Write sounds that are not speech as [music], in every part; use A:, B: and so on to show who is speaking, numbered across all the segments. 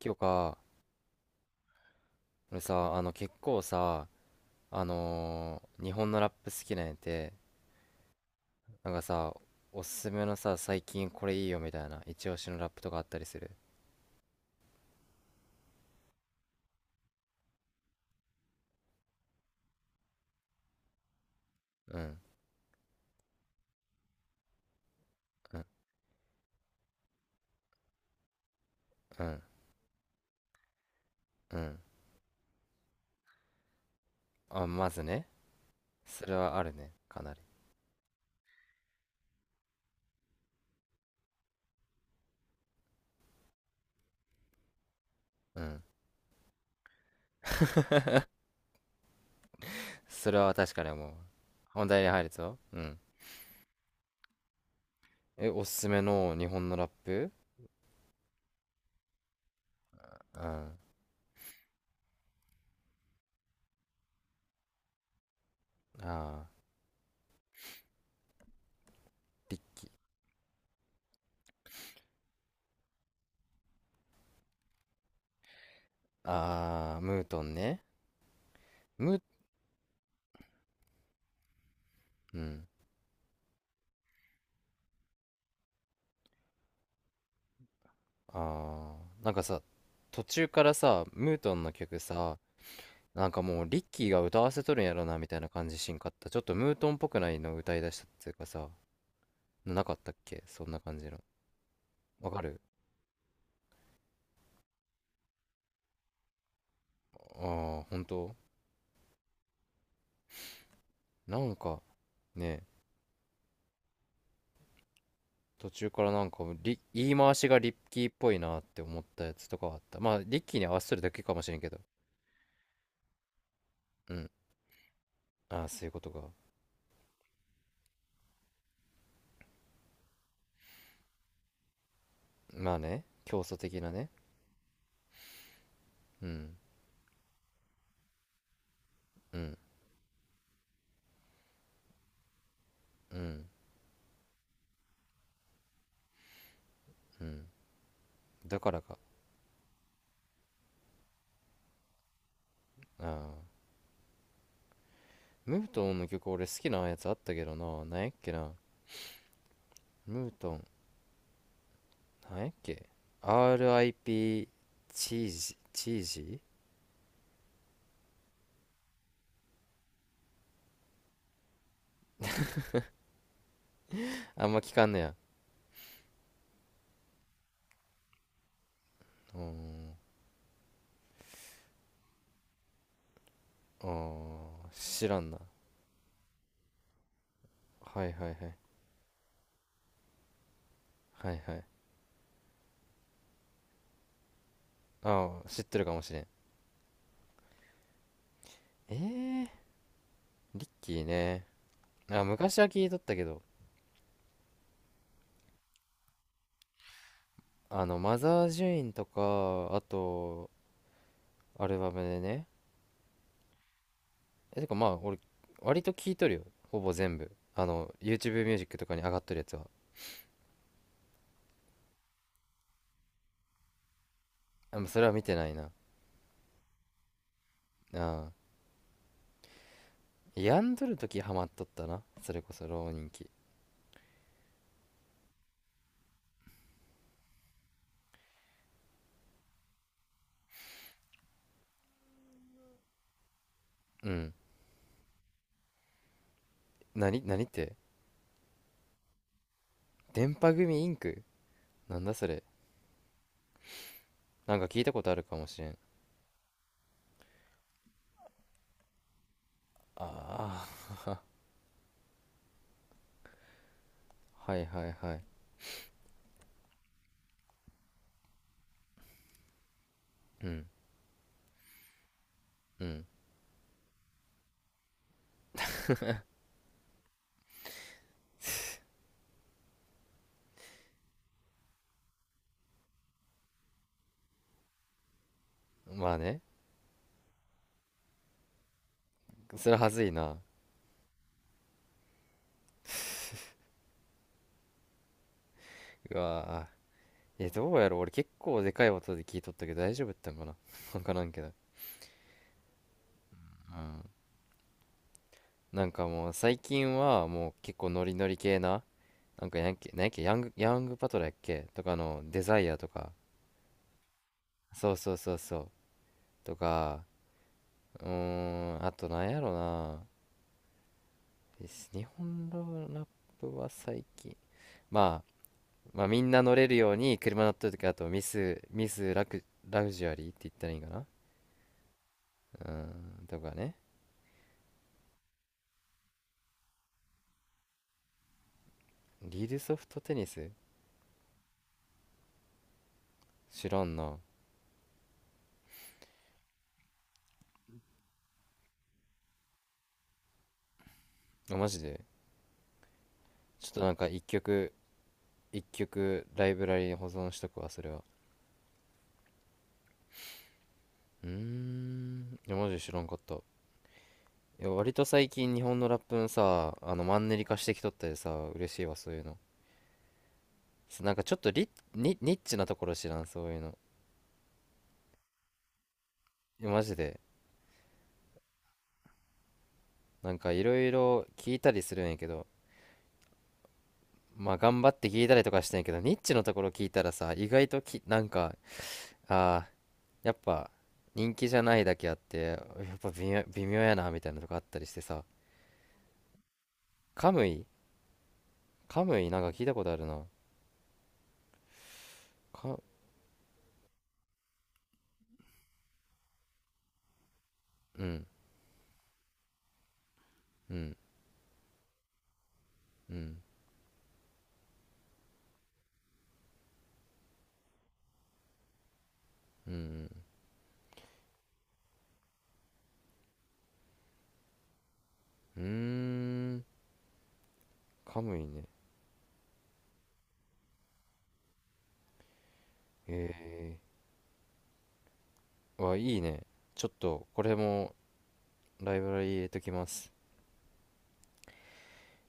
A: 今日か。俺さ、結構さ、日本のラップ好きなんやて。なんかさ、おすすめのさ、最近これいいよみたいな、一押しのラップとかあったりする？うん、うん、うん、うん。あ、まずね、それはあるね、かなり。うん。[laughs] それは確かに思う。本題に入るぞ。うん。え、おすすめの日本のラップ。うん。ああ、り、ああ、ムートンね。ム、うん。あーなんかさ、途中からさ、ムートンの曲さ、なんかもうリッキーが歌わせとるんやろなみたいな感じしんかった？ちょっとムートンっぽくないの歌い出したっていうかさ、なかったっけそんな感じの。わかる。ああー、本当。なんかね、途中からなんかリ、言い回しがリッキーっぽいなって思ったやつとかはあった。まあリッキーに合わせとるだけかもしれんけど。うん。ああー、そういうことか。まあね、競争的なね。うん、うん、うん、うん。だからか。ああー、ムートンの曲俺好きなやつあったけどな。なんやっけな。ムートン、なんやっけ。RIP チージ、チージ。あんま聞かんねや。うーん。あー、知らんな。はいはいはい。はいはい。ああ、知ってるかもしれん。えー、リッキーね。あ、昔は聞いとったけど。マザー・ジュインとか、あと、アルバムでね。え、てかまあ、俺、割と聞いとるよ。ほぼ全部。YouTube ミュージックとかに上がっとるやつは。あ、もうそれは見てないな。ああ。病んどる時ハマっとったな、それこそ浪人期。うん。何何って？電波組インク。なんだそれ。なんか聞いたことあるかもしれん。ああ。 [laughs] はいはいはい。うん、うん。まあね。それはずいな。うわー。えどうやろう、俺結構でかい音で聞いとったけど大丈夫だったんかな。 [laughs] わからんけど。うん。なんかもう最近はもう結構ノリノリ系な、なんかやんけ、なんやっけ、ヤング、ヤングパトラやっけとかのデザイアとか。そうそうそうそう。とか。うーん、あとなんやろな。日本のラップは最近、まあまあみんな乗れるように車乗ってる時。あと、ミスミスラ、クラグジュアリーって言ったらいいんかな、うーん、とかね。リールソフトテニス。知らんな。あ、マジで。ちょっとなんか一曲、一曲ライブラリに保存しとくわ、それは。うーん、いやマジで知らんかった。いや割と最近日本のラップのさ、あのマンネリ化してきとったでさ、嬉しいわそういうの。す、なんかちょっとリ、ニ、ニッチなところ知らん、そういうの。いやマジで。なんかいろいろ聞いたりするんやけど、まあ頑張って聞いたりとかしてんやけど、ニッチのところ聞いたらさ意外とき、なんかあー、やっぱ人気じゃないだけあって、やっぱ微妙、微妙やなみたいなとこあったりしてさ。カムイ。カムイなんか聞いたことあるな。か、うん、うん、うん、うん、うん、うーん。カムイね。えー、わ、いいね。ちょっと、これも、ライブラリ入れときます。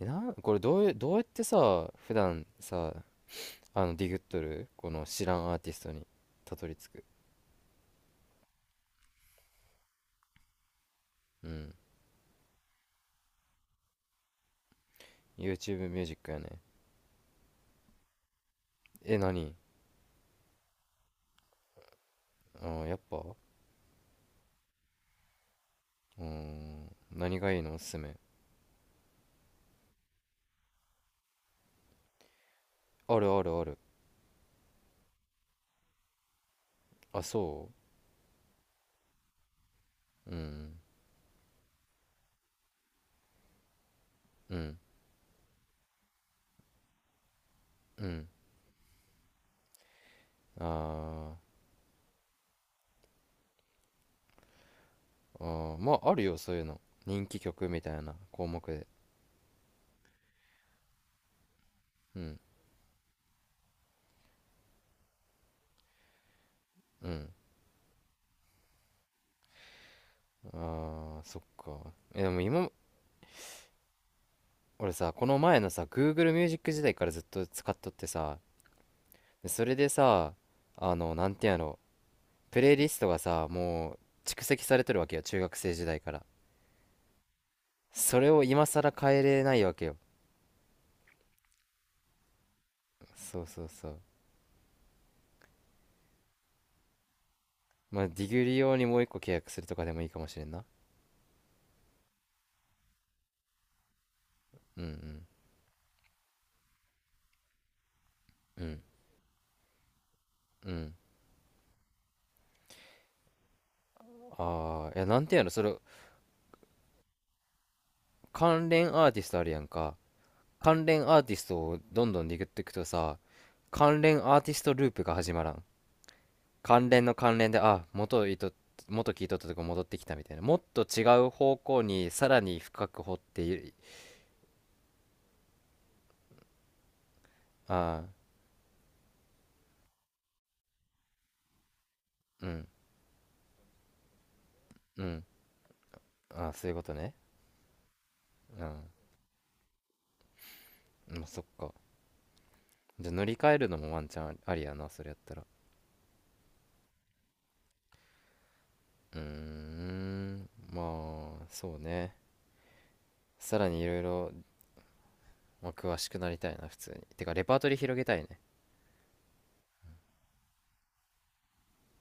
A: え、なこれどうや、どうやってさ、普段さ、ディグっとるこの知らんアーティストにたどり着く？うん。YouTube ミュージックやね。え、何。あー、やっぱ、うーん。何がいいのおすすめ。あるあるある。あ、そう。うん。うん。うん。あー、あー、まあ、あるよ、そういうの。人気曲みたいな項目で。うん。うん。あー、そっか。えでも今、俺さこの前のさ Google Music 時代からずっと使っとってさ、でそれでさ、あのなんてやろ、プレイリストがさ、もう蓄積されとるわけよ、中学生時代から。それを今更変えれないわけよ。そうそうそう。まあディグリ用にもう一個契約するとかでもいいかもしれんな。うん、うん、うん、うん。ああー、いやなんてやろそれ。関連アーティストあるやんか。関連アーティストをどんどんでいっていくとさ、関連アーティストループが始まらん。関連の関連で、あ、元いと、元聞いとったとこ戻ってきたみたいな。もっと違う方向にさらに深く掘ってい。ああ、うん、うん、ああ、そういうことね。うん、まあ、そっか。じゃあ乗り換えるのもワンチャンありやな、それやったら。うーん、まあ、そうね。さらにいろいろ、まあ詳しくなりたいな、普通に。てか、レパートリー広げたいね。